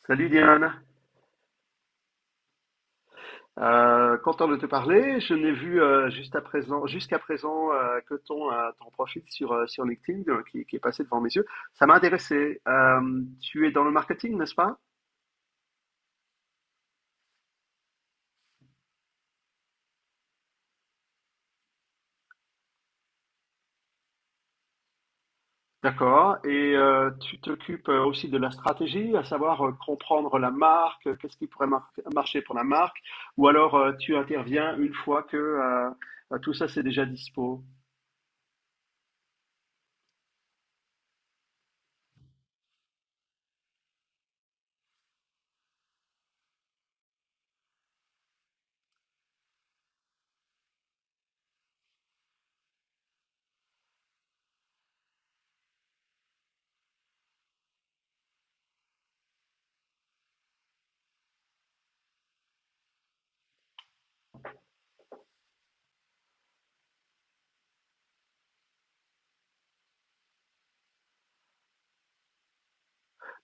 Salut Diane. Content de te parler. Je n'ai vu, juste à présent, jusqu'à présent, que ton profil sur LinkedIn, qui est passé devant mes yeux. Ça m'a intéressé. Tu es dans le marketing, n'est-ce pas? D'accord. Et, tu t'occupes, aussi de la stratégie, à savoir, comprendre la marque, qu'est-ce qui pourrait marcher pour la marque, ou alors, tu interviens une fois que tout ça c'est déjà dispo.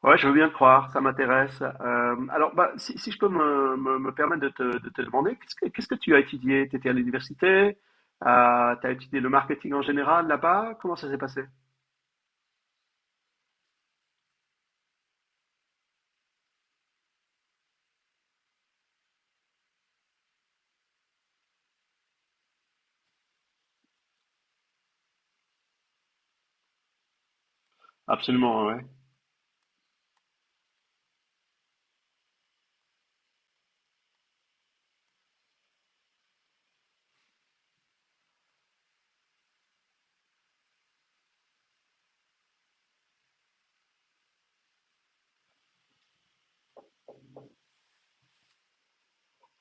Ouais, je veux bien le croire, ça m'intéresse. Alors, bah, si je peux me permettre de te demander, qu'est-ce que tu as étudié? Tu étais à l'université? Tu as étudié le marketing en général là-bas? Comment ça s'est passé? Absolument, ouais.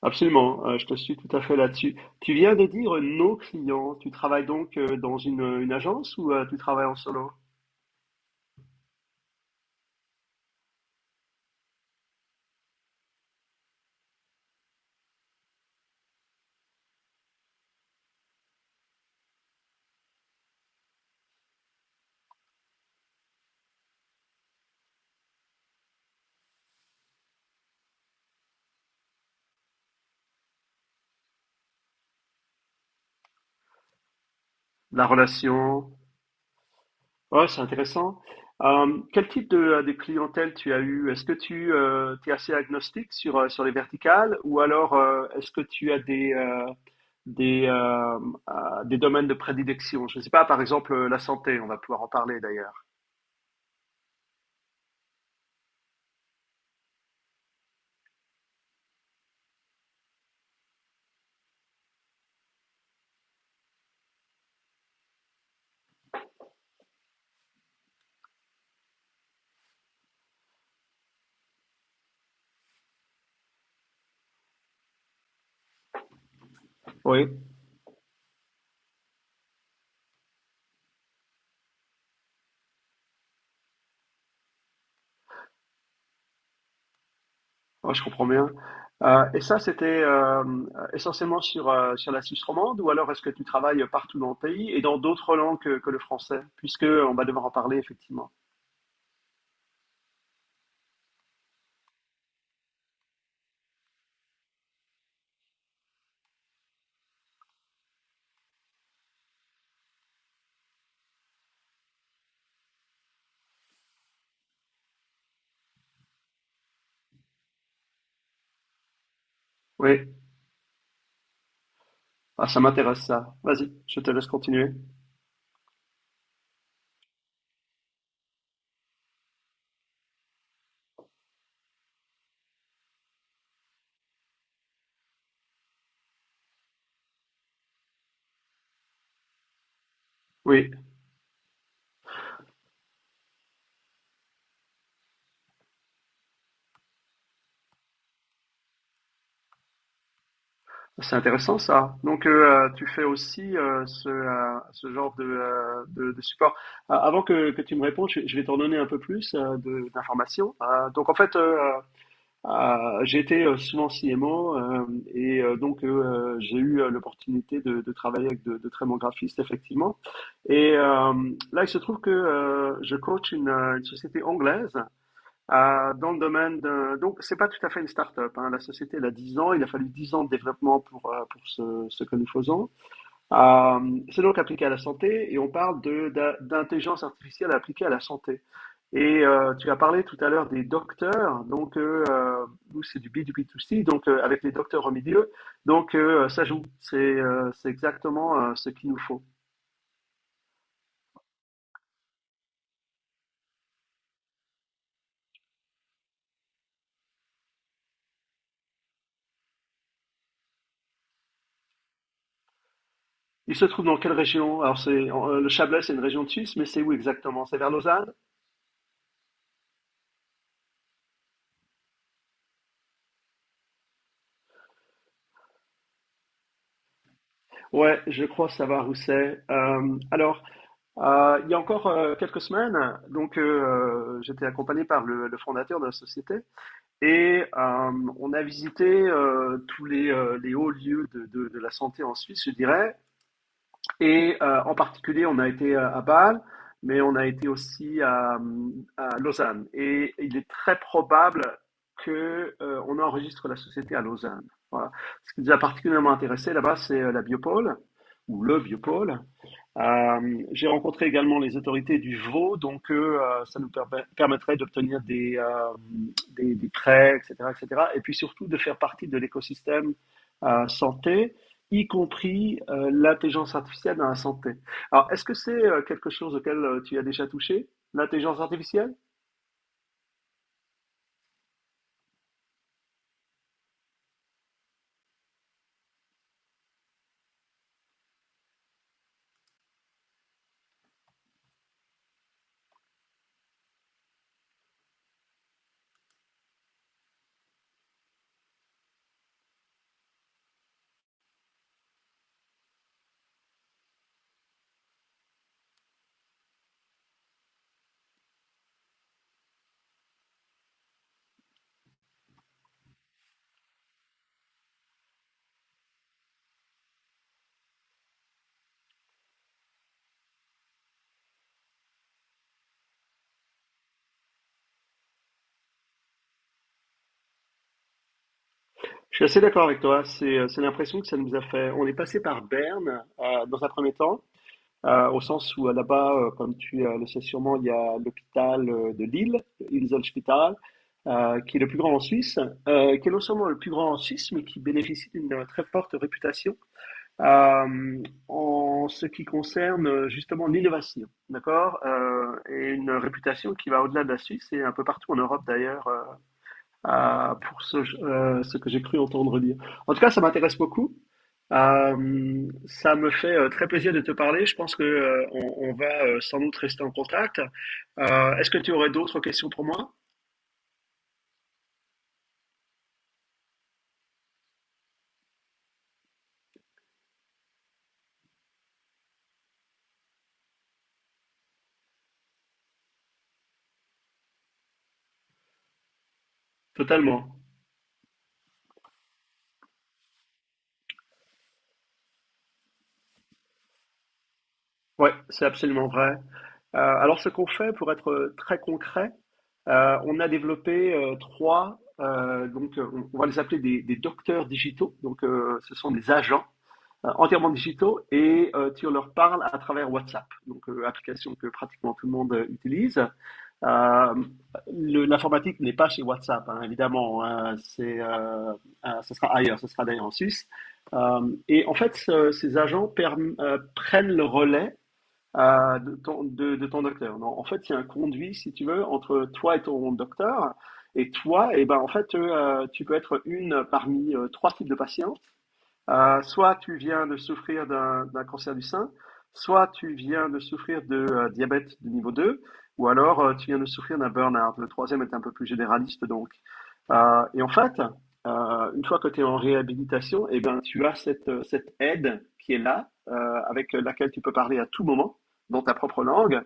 Absolument, je te suis tout à fait là-dessus. Tu viens de dire, nos clients. Tu travailles donc, dans une agence ou, tu travailles en solo? La relation. Ouais, c'est intéressant. Quel type de clientèle tu as eu? Est-ce que tu es assez agnostique sur les verticales ou alors, est-ce que tu as des, euh, des domaines de prédilection? Je ne sais pas, par exemple, la santé, on va pouvoir en parler d'ailleurs. Oui, ouais, je comprends bien. Et ça, c'était, essentiellement sur la Suisse romande ou alors est-ce que tu travailles partout dans le pays et dans d'autres langues que le français, puisque on va devoir en parler effectivement. Oui. Ah, ça m'intéresse ça. Vas-y, je te laisse continuer. Oui, c'est intéressant ça. Donc, tu fais aussi, ce genre de support. Avant que tu me répondes, je vais t'en donner un peu plus, d'informations. Donc, en fait, j'ai été, souvent CMO, et, donc, j'ai eu, l'opportunité de travailler avec de très bons graphistes, effectivement. Et, là, il se trouve que, je coach une société anglaise. Dans le domaine de... Donc, c'est pas tout à fait une start-up, hein. La société, elle a 10 ans. Il a fallu 10 ans de développement pour, pour ce que nous faisons. C'est donc appliqué à la santé et on parle d'intelligence artificielle appliquée à la santé. Et, tu as parlé tout à l'heure des docteurs. Donc, nous, c'est du B2B2C, donc, avec les docteurs au milieu. Donc, ça joue. C'est exactement, ce qu'il nous faut. Il se trouve dans quelle région? Alors, c'est, le Chablais, c'est une région de Suisse, mais c'est où exactement? C'est vers Lausanne? Ouais, je crois savoir où c'est. Alors, il y a encore, quelques semaines, donc, j'étais accompagné par le fondateur de la société et, on a visité, tous les hauts lieux de la santé en Suisse, je dirais, et, en particulier, on a été, à Bâle, mais on a été aussi à Lausanne. Et il est très probable qu'on on enregistre la société à Lausanne. Voilà. Ce qui nous a particulièrement intéressé là-bas, c'est, la biopole ou le biopôle. J'ai rencontré également les autorités du Vaud, donc, ça nous permettrait d'obtenir des, des prêts, etc., etc. Et cetera. Et puis surtout de faire partie de l'écosystème, santé, y compris, l'intelligence artificielle dans la santé. Alors, est-ce que c'est, quelque chose auquel, tu as déjà touché, l'intelligence artificielle? Je suis assez d'accord avec toi. C'est l'impression que ça nous a fait. On est passé par Berne, dans un premier temps. Au sens où, là-bas, comme tu, le sais sûrement, il y a l'hôpital, de Lille, Inselspital, qui est le plus grand en Suisse, qui est non seulement le plus grand en Suisse, mais qui bénéficie d'une, très forte réputation, en ce qui concerne, justement l'innovation, d'accord? Et une réputation qui va au-delà de la Suisse et un peu partout en Europe d'ailleurs, pour ce que j'ai cru entendre dire. En tout cas, ça m'intéresse beaucoup. Ça me fait, très plaisir de te parler. Je pense que, on va, sans doute rester en contact. Est-ce que tu aurais d'autres questions pour moi? Totalement. Ouais, c'est absolument vrai. Alors, ce qu'on fait, pour être, très concret, on a développé, trois, donc, on va les appeler des docteurs digitaux. Donc, ce sont des agents, entièrement digitaux et, tu leur parles à travers WhatsApp, donc, application que pratiquement tout le monde, utilise. Euh, L'informatique n'est pas chez WhatsApp, hein, évidemment, hein, c'est, ce sera ailleurs, ce sera d'ailleurs en Suisse. Et en fait, ces agents prennent le relais, de ton docteur. Non, en fait, il y a un conduit, si tu veux, entre toi et ton docteur. Et toi, eh ben, en fait, tu peux être une parmi, trois types de patients. Soit tu viens de souffrir d'un cancer du sein, soit tu viens de souffrir de, diabète de niveau 2, ou alors, tu viens de souffrir d'un burn-out. Le troisième est un peu plus généraliste, donc. Et en fait, une fois que tu es en réhabilitation, eh bien, tu as cette aide qui est là, avec laquelle tu peux parler à tout moment dans ta propre langue,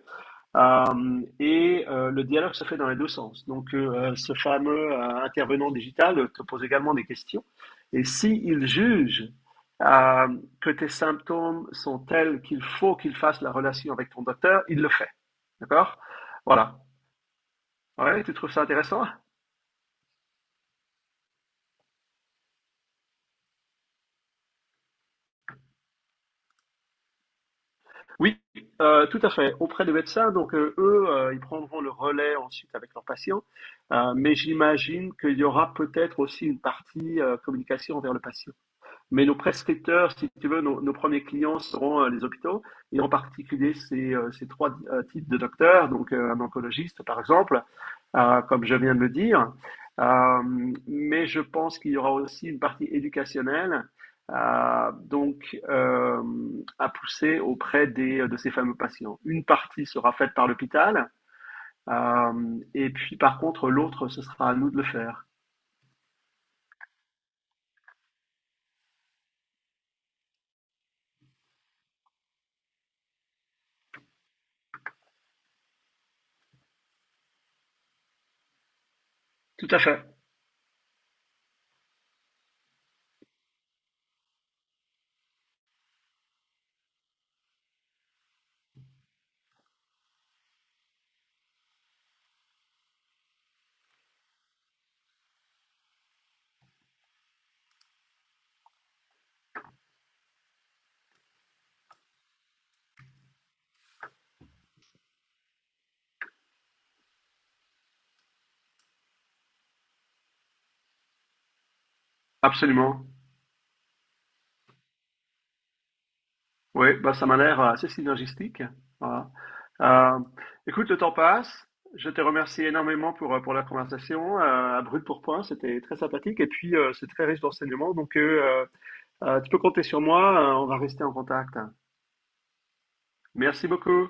et, le dialogue se fait dans les deux sens. Donc, ce fameux, intervenant digital te pose également des questions. Et s'il juge, euh, que tes symptômes sont tels qu'il faut qu'il fasse la relation avec ton docteur, il le fait. D'accord. Voilà. Ouais, tu trouves ça intéressant? Oui, tout à fait. Auprès des médecins, donc, eux, ils prendront le relais ensuite avec leurs patients. Mais j'imagine qu'il y aura peut-être aussi une partie, communication envers le patient. Mais nos prescripteurs, si tu veux, nos premiers clients seront, les hôpitaux, et en particulier ces trois, types de docteurs, donc, un oncologiste par exemple, comme je viens de le dire. Euh, mais je pense qu'il y aura aussi une partie éducationnelle à, donc euh, à pousser auprès de ces fameux patients. Une partie sera faite par l'hôpital, et puis par contre l'autre, ce sera à nous de le faire. Tout à fait, absolument. Oui, bah ça m'a l'air, assez synergistique. Voilà. Euh, écoute, le temps passe. Je te remercie énormément pour la conversation. À brut pour point, c'était très sympathique et puis, c'est très riche d'enseignements. Donc, tu peux compter sur moi. On va rester en contact. Merci beaucoup.